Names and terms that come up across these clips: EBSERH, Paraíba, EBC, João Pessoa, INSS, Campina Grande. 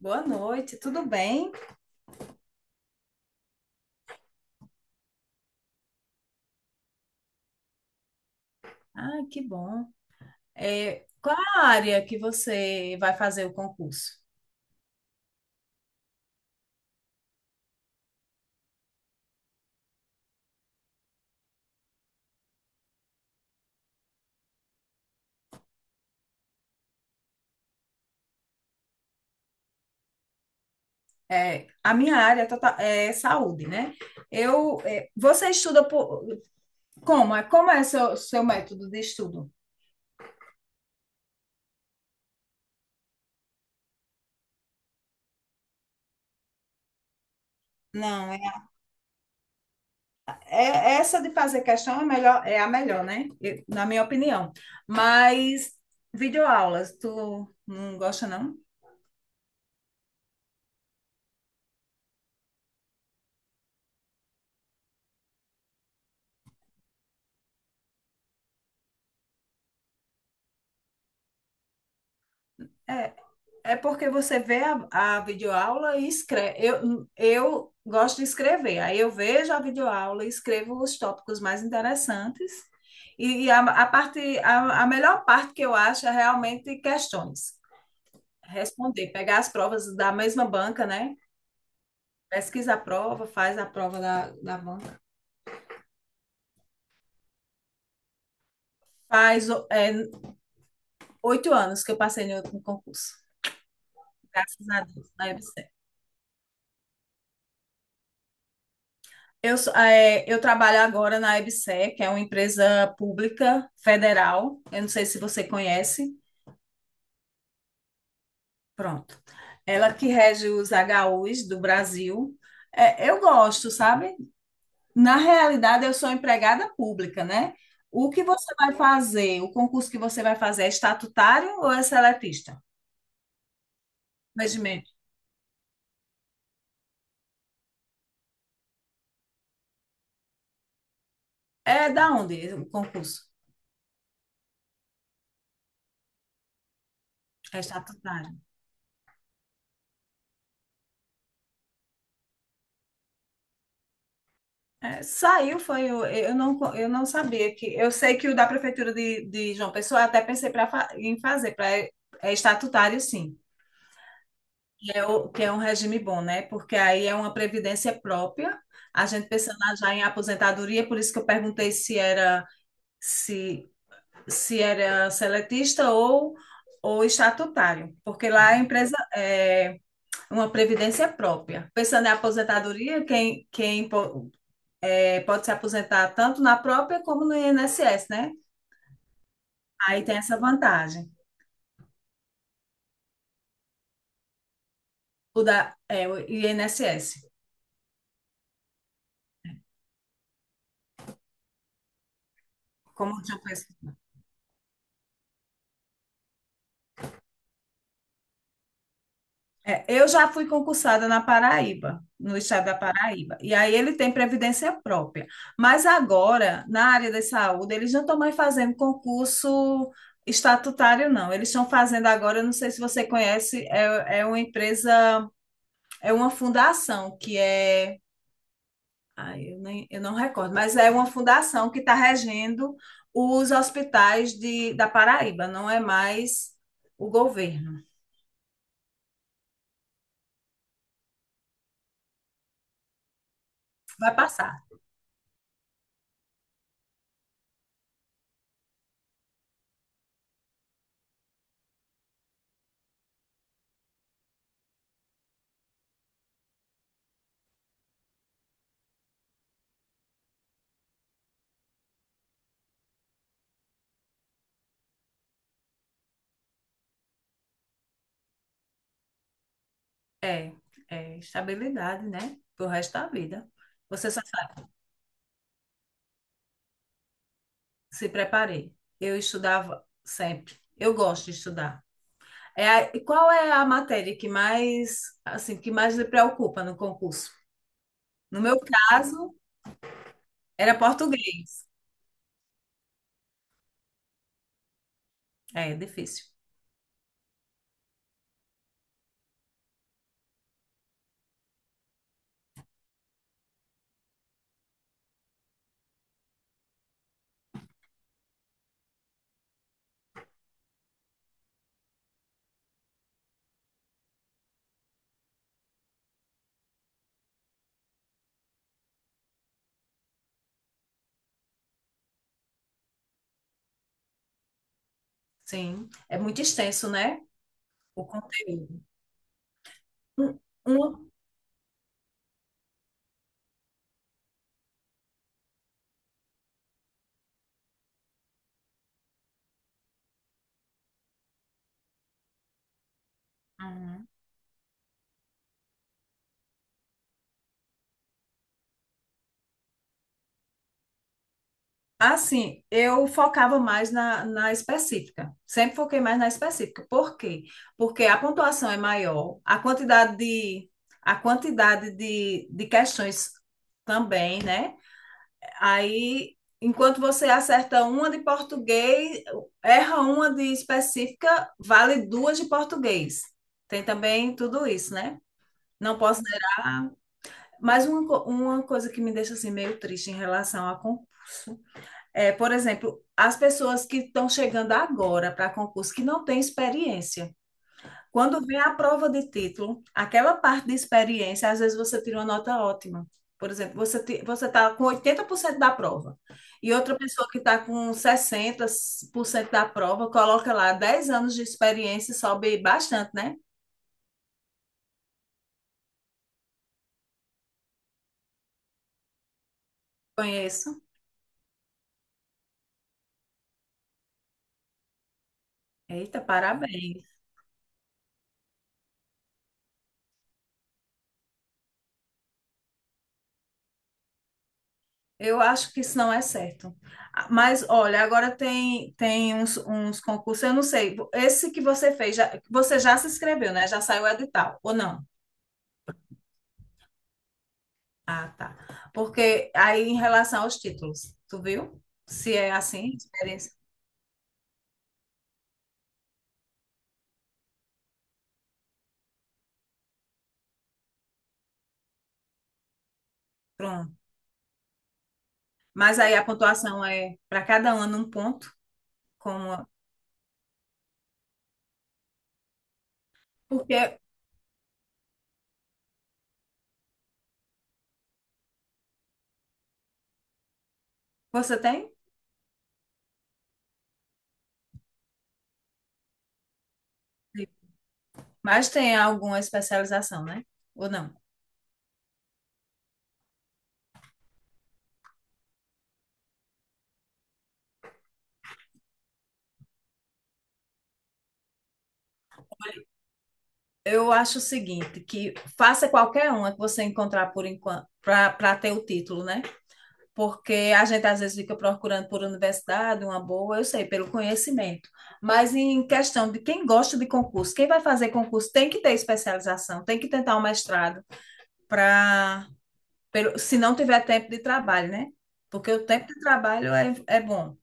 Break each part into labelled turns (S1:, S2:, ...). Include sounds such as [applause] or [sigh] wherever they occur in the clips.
S1: Boa noite, tudo bem? Ah, que bom. É, qual a área que você vai fazer o concurso? É, a minha área é saúde, né? Você estuda por, como? É, como é seu método de estudo? Não, essa de fazer questão é melhor, é a melhor, né? Na minha opinião. Mas videoaulas, tu não gosta, não? É, É porque você vê a videoaula e escreve. Eu gosto de escrever, aí eu vejo a videoaula e escrevo os tópicos mais interessantes. E a parte, a melhor parte que eu acho é realmente questões. Responder, pegar as provas da mesma banca, né? Pesquisa a prova, faz a prova da banca. Faz 8 anos que eu passei no concurso. Graças a Deus, na EBC. Eu trabalho agora na EBSERH, que é uma empresa pública federal. Eu não sei se você conhece. Pronto. Ela que rege os HUs do Brasil. É, eu gosto, sabe? Na realidade, eu sou empregada pública, né? O que você vai fazer, o concurso que você vai fazer é estatutário ou é seletista? Regimento. É da onde o concurso? É estatutário. É, saiu, foi. Eu não sabia que. Eu sei que o da Prefeitura de João Pessoa, eu até pensei em fazer. É estatutário, sim. Que é um regime bom, né? Porque aí é uma previdência própria. A gente pensando já em aposentadoria, por isso que eu perguntei se, se era seletista ou estatutário. Porque lá a empresa é uma previdência própria. Pensando em aposentadoria, quem pode se aposentar tanto na própria como no INSS, né? Aí tem essa vantagem, o INSS. Como eu, já penso. É, eu já fui concursada na Paraíba, no estado da Paraíba, e aí ele tem previdência própria. Mas agora, na área da saúde, eles não estão mais fazendo concurso estatutário, não. Eles estão fazendo agora, eu não sei se você conhece, é uma empresa, é uma fundação que é. Ai, eu não recordo, mas é uma fundação que está regendo os hospitais da Paraíba, não é mais o governo. Vai passar. É, é estabilidade, né? Pro resto da vida. Você só sabe que se preparei. Eu estudava sempre. Eu gosto de estudar. E qual é a matéria que mais lhe preocupa no concurso? No meu caso, era português. É, difícil. Sim, é muito extenso, né? O conteúdo. Um- um- Uhum. Assim, eu focava mais na específica. Sempre foquei mais na específica. Por quê? Porque a pontuação é maior, a quantidade de questões também, né? Aí, enquanto você acerta uma de português, erra uma de específica, vale duas de português. Tem também tudo isso, né? Não posso negar. Mas uma coisa que me deixa assim meio triste em relação à. É, por exemplo, as pessoas que estão chegando agora para concurso que não têm experiência. Quando vem a prova de título, aquela parte de experiência, às vezes você tira uma nota ótima. Por exemplo, você está com 80% da prova e outra pessoa que está com 60% da prova coloca lá 10 anos de experiência e sobe bastante, né? Conheço. Eita, parabéns. Eu acho que isso não é certo. Ah, mas olha, agora tem uns concursos, eu não sei. Esse que você fez, você já se inscreveu, né? Já saiu o edital ou não? Ah, tá. Porque aí em relação aos títulos, tu viu? Se é assim, experiência. Pronto. Mas aí a pontuação é para cada ano um ponto, como porque você tem, mas tem alguma especialização, né? Ou não? Eu acho o seguinte, que faça qualquer uma que você encontrar por enquanto, para ter o título, né? Porque a gente às vezes fica procurando por universidade, uma boa, eu sei, pelo conhecimento. Mas em questão de quem gosta de concurso, quem vai fazer concurso tem que ter especialização, tem que tentar um mestrado para, se não tiver tempo de trabalho, né? Porque o tempo de trabalho é bom.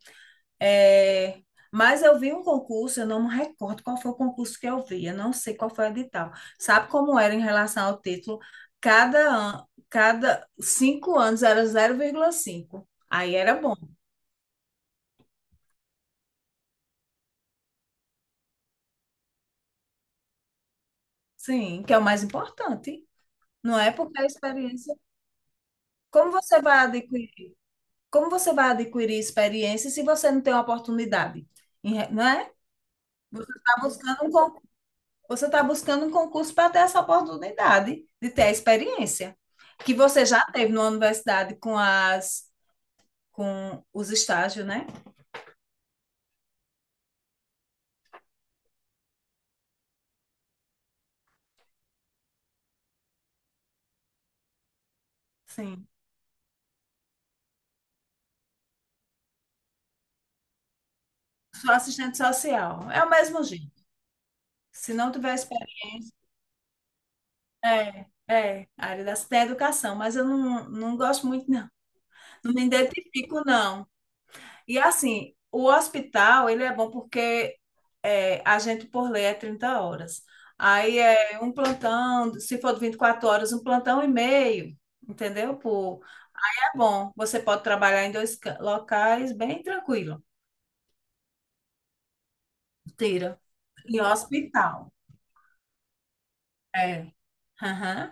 S1: É, mas eu vi um concurso, eu não me recordo qual foi o concurso que eu vi, eu não sei qual foi o edital. Sabe como era em relação ao título? Cada 5 anos era 0,5. Aí era bom, sim, que é o mais importante, não é? Porque a experiência. Como você vai adquirir, como você vai adquirir experiência se você não tem uma oportunidade? Não é? Você está buscando um Você está buscando um concurso para ter essa oportunidade de ter a experiência que você já teve na universidade com os estágios, né? Sim. Sou assistente social. É o mesmo jeito. Se não tiver experiência. É, a área da educação, mas eu não gosto muito, não. Não me identifico, não. E assim, o hospital, ele é bom porque a gente por lei é 30 horas. Aí é um plantão, se for de 24 horas, um plantão e meio, entendeu? É bom, você pode trabalhar em dois locais bem tranquilo. Tira. E hospital. É. Aham.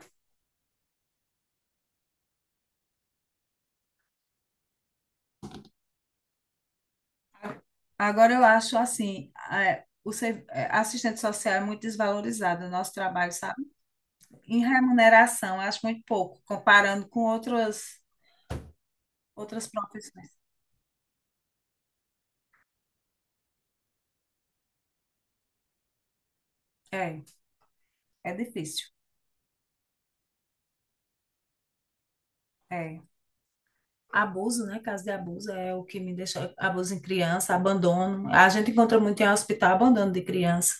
S1: Agora eu acho assim, assistente social é muito desvalorizado no nosso trabalho, sabe? Em remuneração, eu acho muito pouco, comparando com outras profissões. É, é difícil. É. Abuso, né? Caso de abuso é o que me deixa. Abuso em criança, abandono. A gente encontra muito em hospital abandono de criança.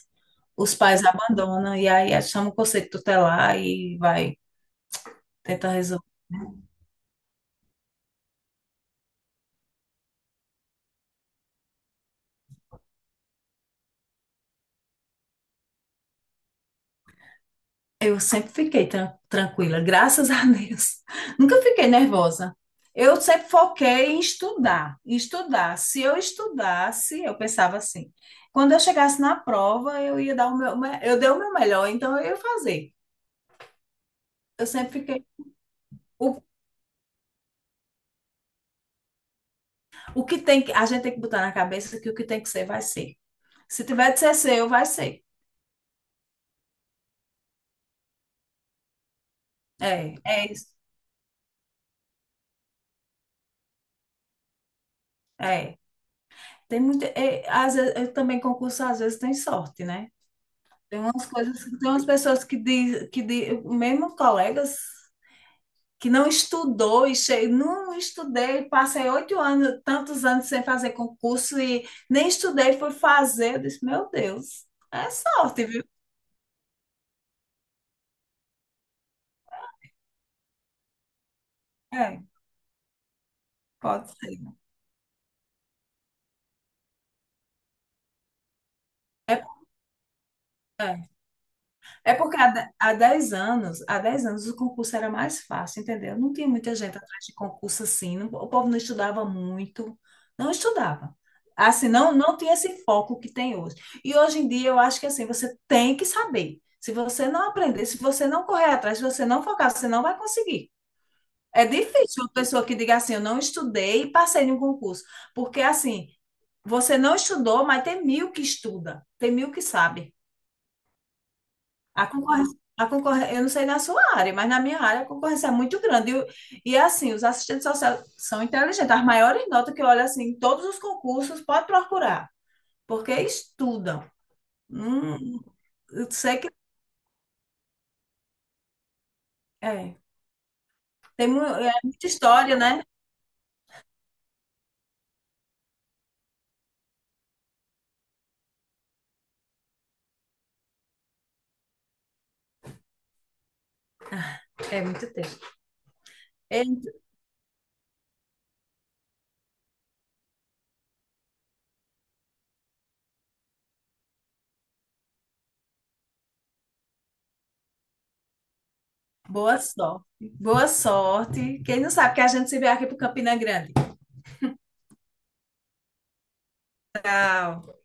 S1: Os pais abandonam e aí chamam o conselho tutelar e vai tentar resolver. Eu sempre fiquei tranquila, graças a Deus. [laughs] Nunca fiquei nervosa. Eu sempre foquei em estudar, em estudar. Se eu estudasse, eu pensava assim. Quando eu chegasse na prova, eu ia dar o meu, eu dei o meu melhor, então eu ia fazer. Eu sempre fiquei. O O que tem que, a gente tem que botar na cabeça que o que tem que ser, vai ser. Se tiver de ser seu, vai ser. É, é isso. É. Tem muita, às vezes, eu também concurso, às vezes tem sorte, né? Tem umas coisas, tem umas pessoas que diz, mesmo colegas que não estudou e não estudei, passei 8 anos, tantos anos sem fazer concurso e nem estudei, fui fazer. Eu disse, meu Deus, é sorte, viu? É, pode ser. É, é. É porque há, de- há 10 anos, há 10 anos o concurso era mais fácil, entendeu? Não tinha muita gente atrás de concurso assim, o povo não estudava muito, não estudava. Assim, não tinha esse foco que tem hoje. E hoje em dia eu acho que assim, você tem que saber. Se você não aprender, se você não correr atrás, se você não focar, você não vai conseguir. É difícil uma pessoa que diga assim, eu não estudei e passei em um concurso. Porque assim, você não estudou, mas tem mil que estuda, tem mil que sabe. A concorrência, eu não sei na sua área, mas na minha área a concorrência é muito grande. E assim, os assistentes sociais são inteligentes. As maiores notas que eu olho assim, em todos os concursos, pode procurar, porque estudam. Hum, eu sei que é. Tem muita história, né? É muito tempo. É, boa sorte. Boa sorte. Quem não sabe que a gente se vê aqui para Campina Grande. Tchau.